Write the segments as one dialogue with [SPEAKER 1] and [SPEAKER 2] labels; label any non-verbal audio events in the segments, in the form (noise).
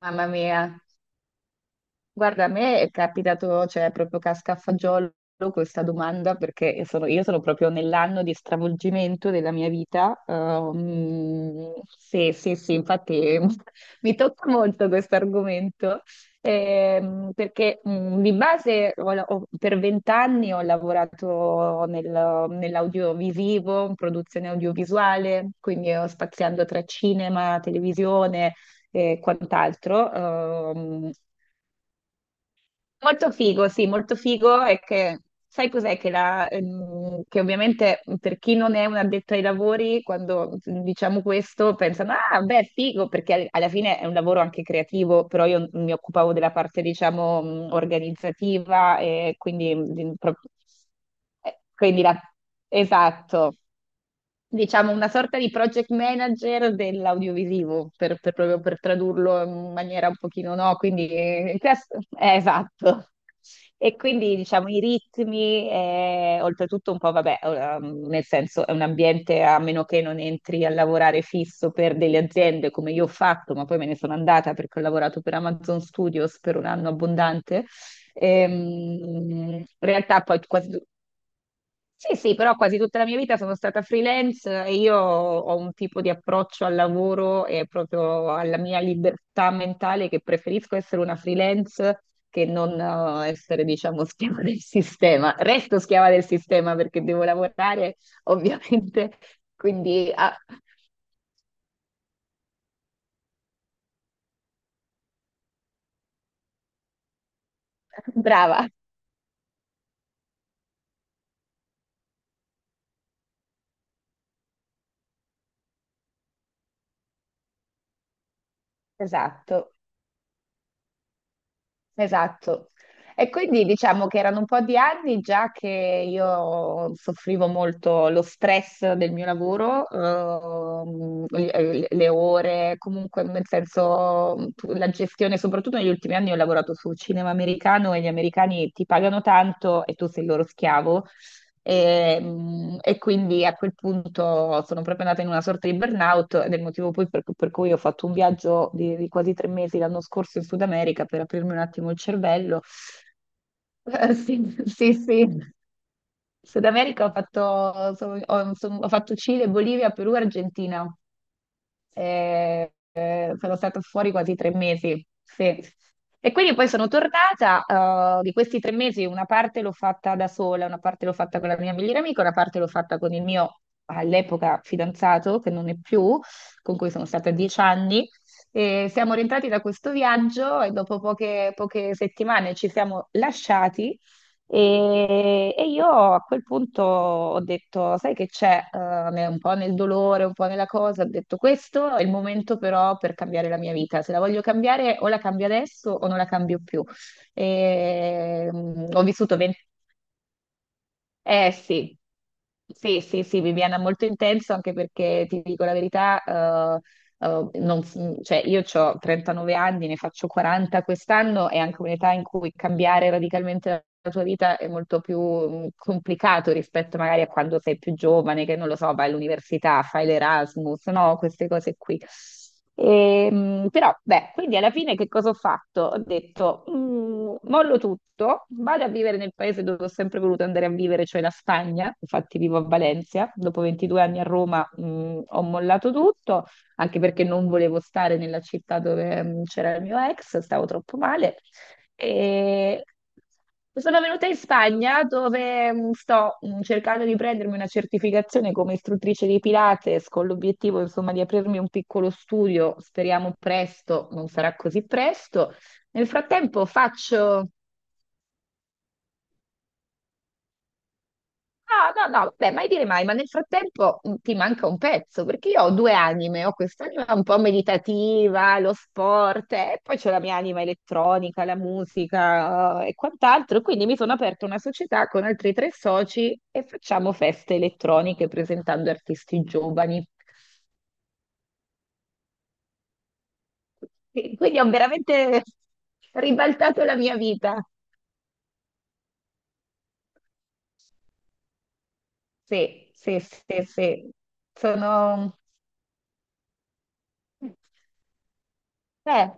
[SPEAKER 1] Mamma mia, guarda, a me è capitato, cioè, proprio casca a fagiolo questa domanda perché io sono proprio nell'anno di stravolgimento della mia vita. Sì, sì, sì, infatti. (laughs) Mi tocca molto questo argomento, perché, di base, per vent'anni ho lavorato nell'audiovisivo, in produzione audiovisuale, quindi ho spaziando tra cinema, televisione e quant'altro. Molto figo, sì, molto figo. È che sai cos'è che, che ovviamente per chi non è un addetto ai lavori, quando diciamo questo pensano, ah, beh, figo, perché alla fine è un lavoro anche creativo, però io mi occupavo della parte, diciamo, organizzativa e quindi, quindi esatto, diciamo, una sorta di project manager dell'audiovisivo, proprio per tradurlo in maniera un pochino, no? Quindi, esatto. E quindi, diciamo, i ritmi, oltretutto un po', vabbè, nel senso è un ambiente a meno che non entri a lavorare fisso per delle aziende come io ho fatto, ma poi me ne sono andata perché ho lavorato per Amazon Studios per un anno abbondante. Ehm, In realtà poi quasi, sì, sì, però quasi tutta la mia vita sono stata freelance, e io ho un tipo di approccio al lavoro e proprio alla mia libertà mentale che preferisco essere una freelance che non, essere, diciamo, (laughs) schiava del sistema. Resto schiava del sistema perché devo lavorare, (laughs) ovviamente, quindi ah, brava, esatto. Esatto. E quindi diciamo che erano un po' di anni già che io soffrivo molto lo stress del mio lavoro, le ore, comunque nel senso, la gestione, soprattutto negli ultimi anni ho lavorato su cinema americano e gli americani ti pagano tanto e tu sei il loro schiavo e, e quindi a quel punto sono proprio andata in una sorta di burnout, ed è il motivo poi per cui ho fatto un viaggio di quasi 3 mesi l'anno scorso in Sud America per aprirmi un attimo il cervello. (laughs) Sì, sì, sì. Sud America ho fatto, ho fatto Cile, Bolivia, Perù, Argentina. Ehm, sono stata fuori quasi 3 mesi, sì. E quindi poi sono tornata, di questi 3 mesi una parte l'ho fatta da sola, una parte l'ho fatta con la mia migliore amica, una parte l'ho fatta con il mio all'epoca fidanzato, che non è più, con cui sono stata 10 anni. E siamo rientrati da questo viaggio e dopo poche settimane ci siamo lasciati, e io a quel punto ho detto, sai che c'è, un po' nel dolore, un po' nella cosa, ho detto questo è il momento però per cambiare la mia vita, se la voglio cambiare o la cambio adesso o non la cambio più. E, ho vissuto 20... Eh sì. Sì, sì, sì, Viviana, molto intenso, anche perché ti dico la verità, eh, non- cioè, io ho 39 anni, ne faccio 40 quest'anno, è anche un'età in cui cambiare radicalmente la tua vita è molto più complicato rispetto magari a quando sei più giovane, che non lo so, vai all'università, fai l'Erasmus, no? Queste cose qui. Però, beh, quindi alla fine che cosa ho fatto? Ho detto, Mollo tutto, vado a vivere nel paese dove ho sempre voluto andare a vivere, cioè la Spagna", infatti vivo a Valencia, dopo 22 anni a Roma, ho mollato tutto, anche perché non volevo stare nella città dove, c'era il mio ex, stavo troppo male. E sono venuta in Spagna dove, sto, cercando di prendermi una certificazione come istruttrice di Pilates con l'obiettivo, insomma, di aprirmi un piccolo studio, speriamo presto, non sarà così presto. Nel frattempo faccio. No, no, no, vabbè, mai dire mai, ma nel frattempo, ti manca un pezzo, perché io ho due anime, ho quest'anima un po' meditativa, lo sport, e poi c'ho la mia anima elettronica, la musica, e quant'altro, quindi mi sono aperta una società con altri tre soci e facciamo feste elettroniche presentando artisti giovani. E quindi ho veramente (laughs) ribaltato la mia vita. Sì, sì, sì, sì. Sono... Eh,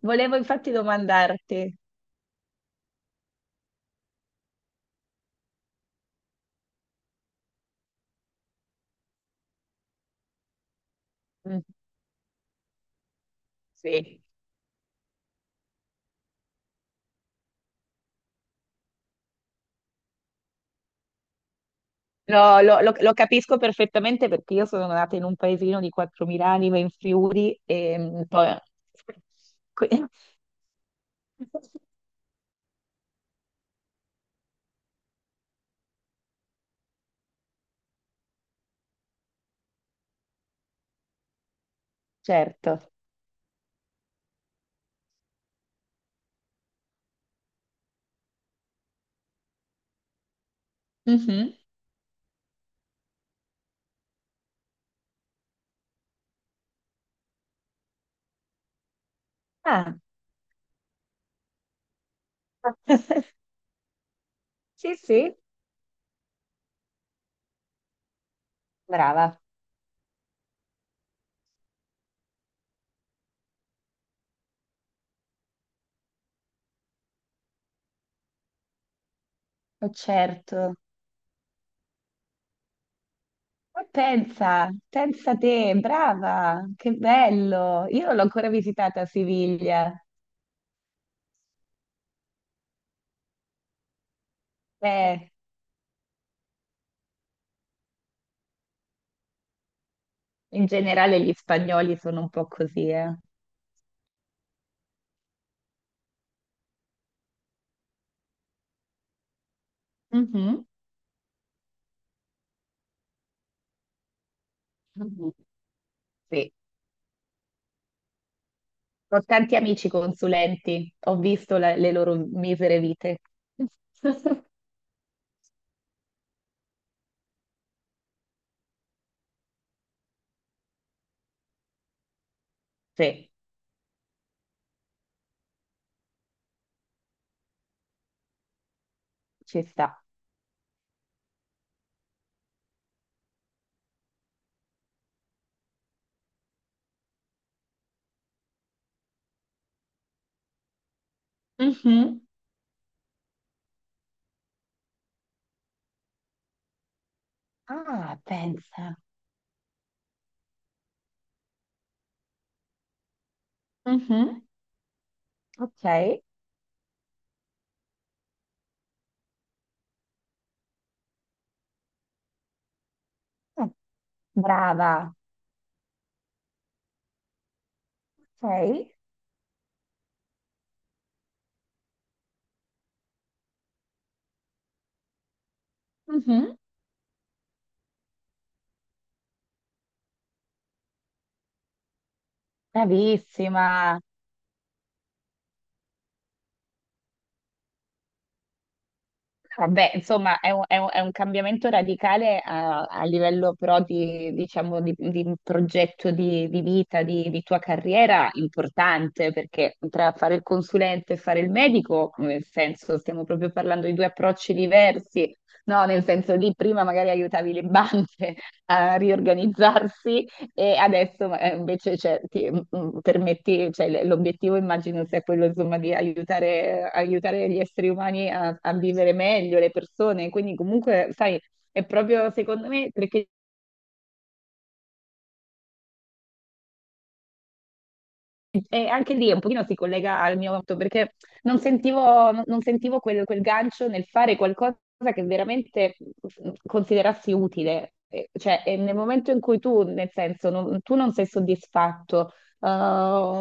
[SPEAKER 1] volevo infatti domandarti. Mm. Sì, no, lo capisco perfettamente perché io sono nata in un paesino di 4.000 anime in Friuli e, poi... que- (laughs) Certo. Mhm. Ah. (laughs) Sì, sì, brava. Oh, certo. Ma pensa, pensa te, brava, che bello. Io non l'ho ancora visitata a Siviglia. Beh, in generale gli spagnoli sono un po' così, eh. Mhm. Mhm. Sì. Ho tanti amici consulenti, ho visto le loro misere vite. (laughs) Sì, ci sta. Mhm, ah, pensa. Mhm, ok, ah, brava. Ok, mhm. Bravissima. Vabbè, insomma, è un cambiamento radicale a livello, però diciamo, di un progetto di vita, di tua carriera importante, perché tra fare il consulente e fare il medico, nel senso, stiamo proprio parlando di due approcci diversi, no? Nel senso lì prima magari aiutavi le banche (laughs) a riorganizzarsi, e adesso, invece, cioè, ti, permetti, cioè, l'obiettivo immagino sia quello, insomma, di aiutare, aiutare gli esseri umani a, a vivere meglio, le persone, quindi comunque, sai, è proprio secondo me perché. E anche lì un pochino si collega al mio fatto, perché non sentivo, non sentivo quel, quel gancio nel fare qualcosa che veramente, considerassi utile. Cioè, e nel momento in cui tu, nel senso, tu non sei soddisfatto, uh,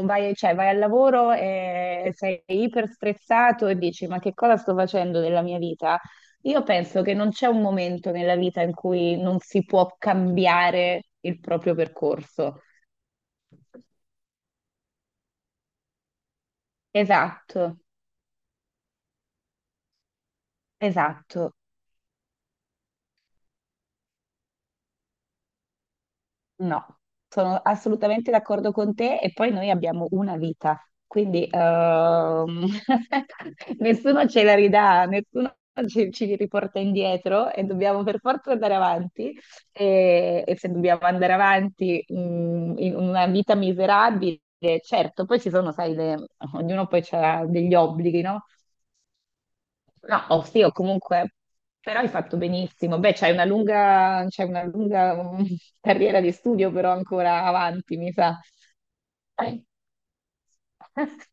[SPEAKER 1] vai, cioè, vai al lavoro e sei iper stressato e dici: ma che cosa sto facendo della mia vita? Io penso che non c'è un momento nella vita in cui non si può cambiare il proprio percorso. Esatto. Esatto, no, sono assolutamente d'accordo con te, e poi noi abbiamo una vita, quindi, (laughs) nessuno ce la ridà, nessuno ci riporta indietro e dobbiamo per forza andare avanti, e se dobbiamo andare avanti, in una vita miserabile, certo, poi ci sono, sai, ognuno poi ha degli obblighi, no? No, oh, sì, o comunque, però hai fatto benissimo. Beh, c'hai una lunga, (laughs) carriera di studio, però ancora avanti, mi sa. Eh, (laughs)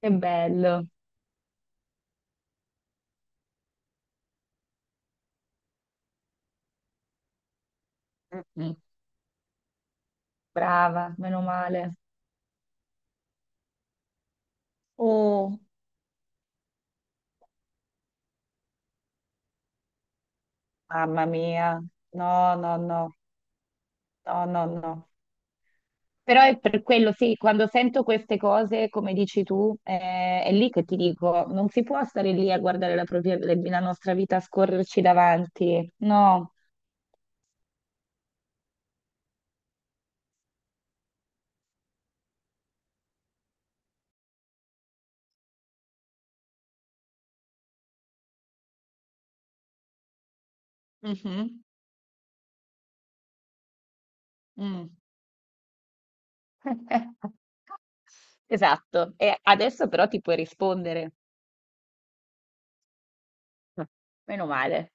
[SPEAKER 1] Che bello. Mm-mm. Brava, meno male. Oh, mamma mia. No, no, no, no, no, no. Però è per quello, sì, quando sento queste cose, come dici tu, è lì che ti dico, non si può stare lì a guardare la nostra vita scorrerci davanti. No. Mhm. Mm. (laughs) Esatto. E adesso però ti puoi rispondere. Meno male.